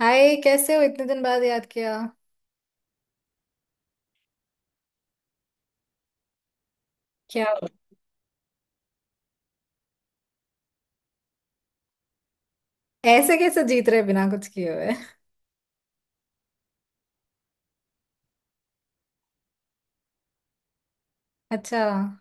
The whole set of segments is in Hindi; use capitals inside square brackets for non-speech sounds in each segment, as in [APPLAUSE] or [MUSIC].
हाय, कैसे हो? इतने दिन बाद याद किया। क्या हो? ऐसे कैसे जीत रहे बिना कुछ किए हुए? [LAUGHS] अच्छा। आप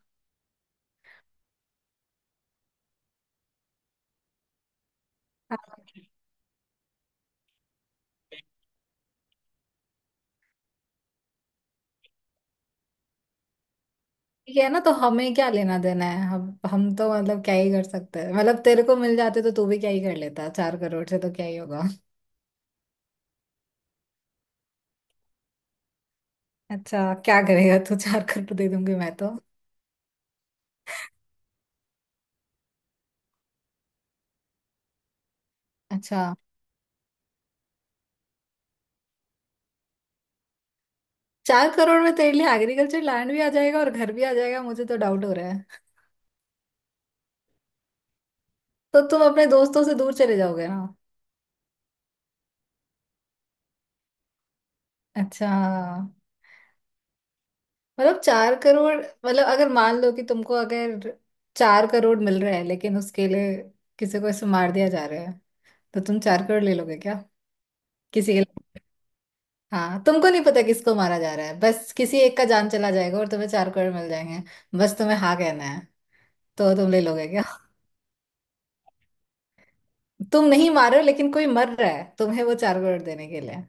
ठीक है ना, तो हमें क्या लेना देना है। हम तो मतलब क्या ही कर सकते हैं। मतलब तेरे को मिल जाते तो तू भी क्या ही कर लेता, चार करोड़ से तो क्या ही होगा। अच्छा, क्या करेगा तू? चार करोड़ दे दूंगी मैं तो। अच्छा, चार करोड़ में तेरे लिए एग्रीकल्चर लैंड भी आ जाएगा और घर भी आ जाएगा? मुझे तो डाउट हो रहा है। तो तुम अपने दोस्तों से दूर चले जाओगे ना? अच्छा। मतलब चार करोड़, मतलब अगर मान लो कि तुमको अगर चार करोड़ मिल रहे हैं, लेकिन उसके लिए किसी को ऐसे मार दिया जा रहा है, तो तुम चार करोड़ ले लोगे क्या? किसी के लिए, हाँ, तुमको नहीं पता किसको मारा जा रहा है, बस किसी एक का जान चला जाएगा और तुम्हें चार करोड़ मिल जाएंगे। बस तुम्हें हाँ कहना है। तो तुम ले लोगे क्या? तुम नहीं मार रहे हो, लेकिन कोई मर रहा है तुम्हें वो चार करोड़ देने के लिए।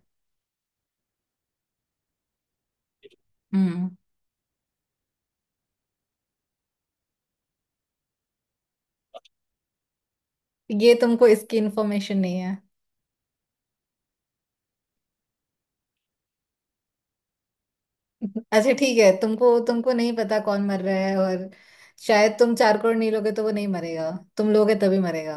हम्म। ये तुमको इसकी इन्फॉर्मेशन नहीं? अच्छा, ठीक है, तुमको तुमको नहीं पता कौन मर रहा है, और शायद तुम चार करोड़ नहीं लोगे तो वो नहीं मरेगा, तुम लोगे तभी मरेगा।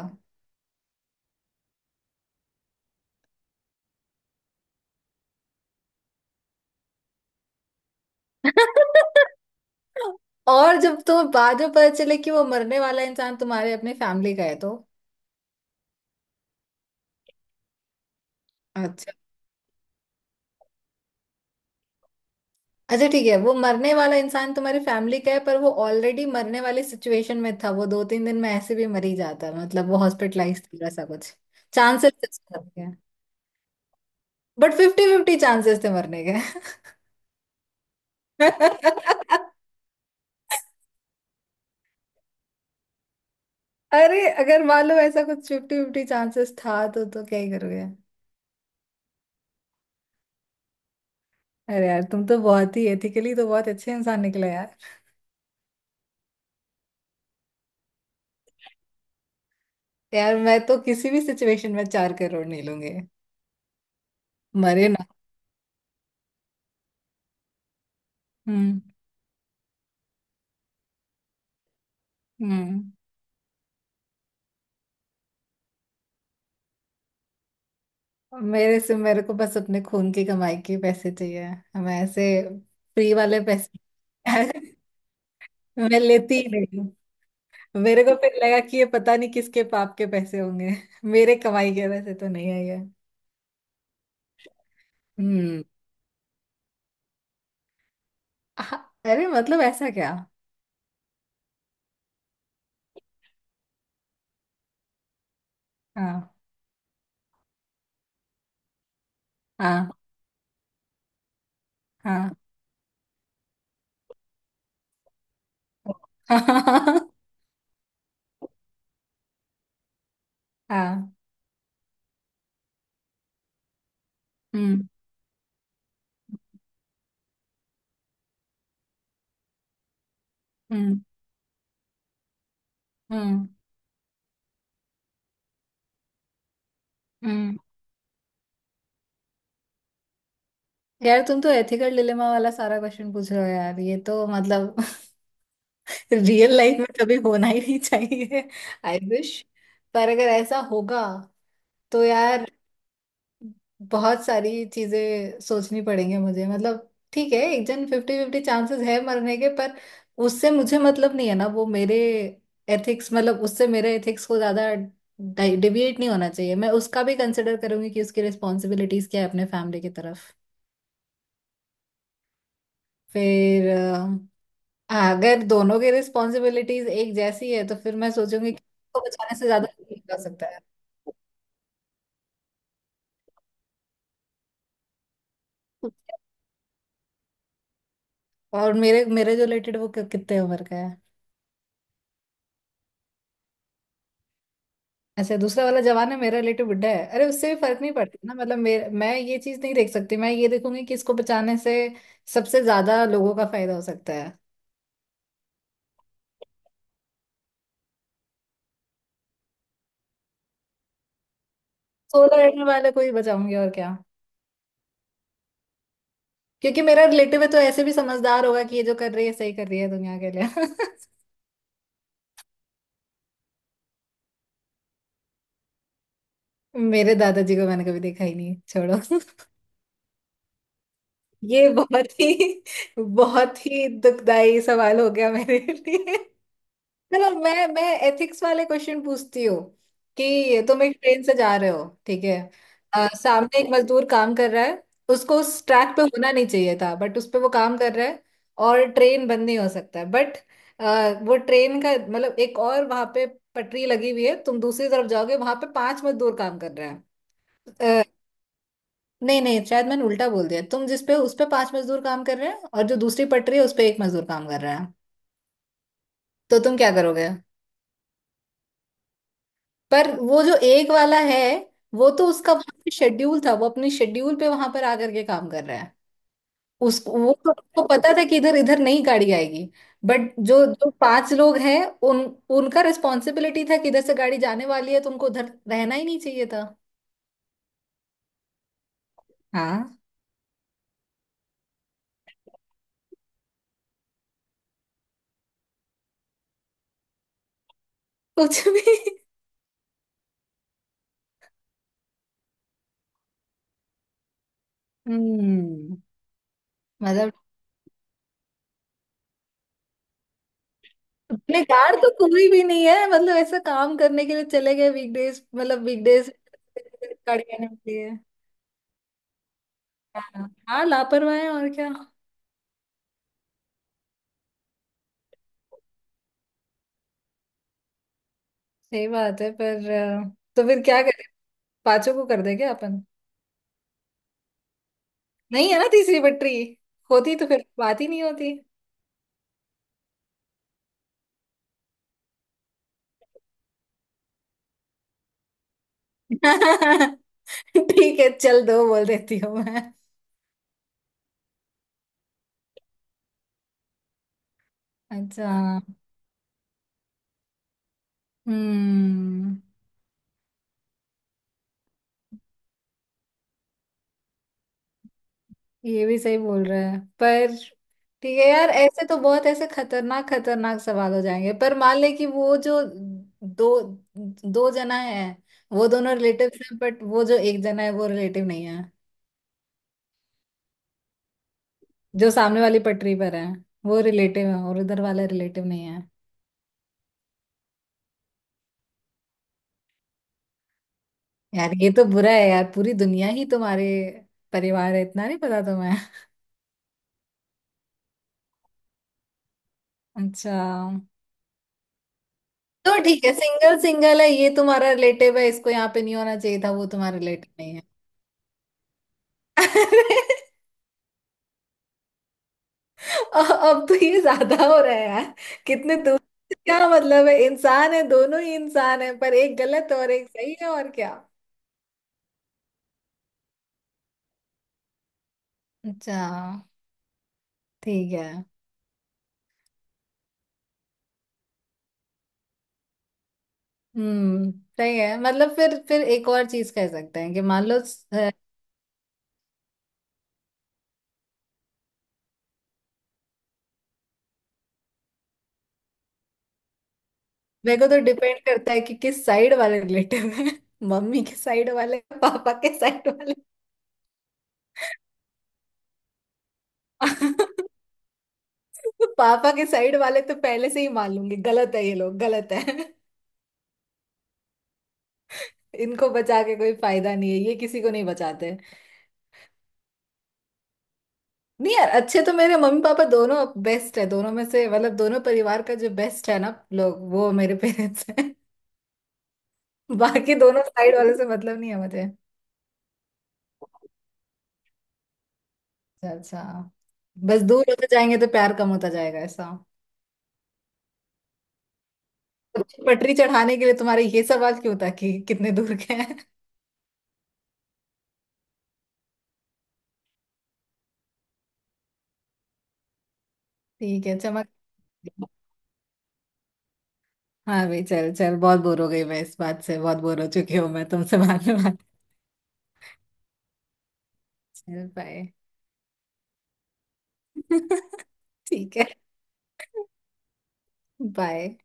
[LAUGHS] और जब तुम्हें बाद में पता चले कि वो मरने वाला इंसान तुम्हारे अपने फैमिली का है तो? अच्छा। अच्छा ठीक है, वो मरने वाला इंसान तुम्हारी फैमिली का है, पर वो ऑलरेडी मरने वाली सिचुएशन में था, वो दो तीन दिन में ऐसे भी मर ही जाता, मतलब वो हॉस्पिटलाइज था, ऐसा कुछ चांसेस थे उसके मरने के, बट फिफ्टी फिफ्टी चांसेस थे मरने के। [LAUGHS] अरे अगर मान लो ऐसा कुछ फिफ्टी फिफ्टी चांसेस था तो क्या ही करोगे? अरे यार, तुम तो बहुत ही एथिकली तो बहुत अच्छे इंसान निकले यार। यार मैं तो किसी भी सिचुएशन में चार करोड़ नहीं लूंगे। मरे ना। हम्म। हम्म। मेरे से मेरे को बस अपने खून की कमाई के पैसे चाहिए। हमें ऐसे फ्री वाले पैसे। [LAUGHS] मैं लेती ही नहीं। मेरे को फिर लगा कि ये पता नहीं किसके पाप के पैसे होंगे, मेरे कमाई के पैसे तो नहीं है ये। हम्म। हाँ, अरे मतलब ऐसा क्या। हाँ। हाँ, हाँ। [LAUGHS] हाहाहा। हाँ। उम। उम। उम। उम। यार तुम तो एथिकल डिलेमा वाला सारा क्वेश्चन पूछ रहे हो यार, ये तो मतलब [LAUGHS] रियल लाइफ में कभी होना ही नहीं चाहिए। I wish. पर अगर ऐसा होगा तो यार बहुत सारी चीजें सोचनी पड़ेंगी मुझे, मतलब ठीक है एक जन फिफ्टी फिफ्टी चांसेस है मरने के, पर उससे मुझे मतलब नहीं है ना, वो मेरे एथिक्स, मतलब उससे मेरे एथिक्स को ज्यादा डिविएट नहीं होना चाहिए। मैं उसका भी कंसिडर करूंगी कि उसकी रिस्पॉन्सिबिलिटीज क्या है अपने फैमिली की तरफ। फिर अगर दोनों की रिस्पॉन्सिबिलिटीज एक जैसी है तो फिर मैं सोचूंगी कि उसको बचाने से ज्यादा कोई कर सकता है। और मेरे मेरे जो रिलेटेड, वो कितने उम्र का है? ऐसे दूसरा वाला जवान है, मेरा रिलेटिव बुढ़ा है, अरे उससे भी फर्क नहीं पड़ता ना। मतलब मेरे, मैं ये चीज नहीं देख सकती, मैं ये देखूंगी कि इसको बचाने से सबसे ज्यादा लोगों का फायदा हो सकता है। सोलर एनर्जी वाले को ही बचाऊंगी और क्या। क्योंकि मेरा रिलेटिव है तो ऐसे भी समझदार होगा कि ये जो कर रही है सही कर रही है दुनिया के लिए। [LAUGHS] मेरे दादाजी को मैंने कभी देखा ही नहीं, छोड़ो। ये बहुत ही, बहुत ही दुखदाई सवाल हो गया मेरे लिए। चलो मैं एथिक्स वाले क्वेश्चन पूछती हूँ कि तुम एक ट्रेन से जा रहे हो, ठीक है? सामने एक मजदूर काम कर रहा है। उसको उस ट्रैक पे होना नहीं चाहिए था बट उस पे वो काम कर रहा है। और ट्रेन बंद नहीं हो सकता है बट वो ट्रेन का मतलब, एक और वहां पे पटरी लगी हुई है, तुम दूसरी तरफ जाओगे वहां पे पांच मजदूर काम कर रहे हैं। नहीं नहीं, शायद मैंने उल्टा बोल दिया, तुम जिस पे, उस पे पांच मजदूर काम कर रहे हैं और जो दूसरी पटरी है उस पे एक मजदूर काम कर रहा है। तो तुम क्या करोगे? पर वो जो एक वाला है, वो तो उसका वहां पे शेड्यूल था, वो अपनी शेड्यूल पे वहां पर आकर के काम कर रहा है। उस वो तो उसको पता था कि इधर इधर नहीं गाड़ी आएगी। बट जो जो पांच लोग हैं, उन उनका रिस्पॉन्सिबिलिटी था कि इधर से गाड़ी जाने वाली है, तुमको उधर रहना ही नहीं चाहिए था। हाँ। कुछ भी। हम्म। मतलब बेकार तो कोई भी नहीं है, मतलब ऐसा काम करने के लिए चले गए, वीकडेज मतलब वीकडेज करने के लिए। हाँ। हाँ, लापरवाह है और क्या। सही बात है, पर तो फिर क्या करें, पांचों को कर देंगे अपन। नहीं है ना तीसरी पटरी, होती तो फिर बात ही नहीं होती। [LAUGHS] ठीक है चल, दो बोल देती हूँ मैं। अच्छा। हम्म। ये भी सही बोल रहा है, पर ठीक है यार, ऐसे तो बहुत ऐसे खतरनाक खतरनाक सवाल हो जाएंगे। पर मान ले कि वो जो दो दो जना है वो दोनों रिलेटिव्स हैं, बट वो जो एक जना है वो रिलेटिव नहीं है। जो सामने वाली पटरी पर है वो रिलेटिव है और उधर वाला रिलेटिव नहीं है। यार ये तो बुरा है यार, पूरी दुनिया ही तुम्हारे परिवार है, इतना नहीं पता तुम्हें? [LAUGHS] अच्छा। तो ठीक है, सिंगल सिंगल है, ये तुम्हारा रिलेटिव है, इसको यहाँ पे नहीं होना चाहिए था, वो तुम्हारा रिलेटिव नहीं है। [LAUGHS] अ- अब तो ये ज्यादा हो रहा है यार। कितने दूर, क्या मतलब है? इंसान है, दोनों ही इंसान है, पर एक गलत और एक सही है, और क्या। अच्छा। ठीक है। हम्म। सही है। मतलब फिर एक और चीज कह सकते हैं कि मान लो मेरे को तो डिपेंड करता है कि किस साइड वाले रिलेटिव है। [LAUGHS] मम्मी के साइड वाले, पापा के साइड वाले। [LAUGHS] पापा के साइड वाले तो पहले से ही मान लूंगी गलत है, ये लोग गलत है। [LAUGHS] इनको बचा के कोई फायदा नहीं है, ये किसी को नहीं बचाते। नहीं यार, अच्छे तो मेरे मम्मी पापा दोनों बेस्ट है, दोनों में से मतलब दोनों परिवार का जो बेस्ट है ना लोग, वो मेरे पेरेंट्स हैं। [LAUGHS] बाकी दोनों साइड वाले से मतलब नहीं है मुझे। अच्छा, अच्छा। बस दूर होते जाएंगे तो प्यार कम होता जाएगा, ऐसा? अच्छी पटरी चढ़ाने के लिए तुम्हारे ये सवाल क्यों था कि कितने दूर के हैं? [LAUGHS] ठीक है चमक। हाँ भाई, चल चल बहुत बोर हो गई मैं, इस बात से बहुत बोर हो चुकी हूँ मैं तुमसे। [LAUGHS] बाद में बात। चल बाय। [LAUGHS] ठीक है। बाय।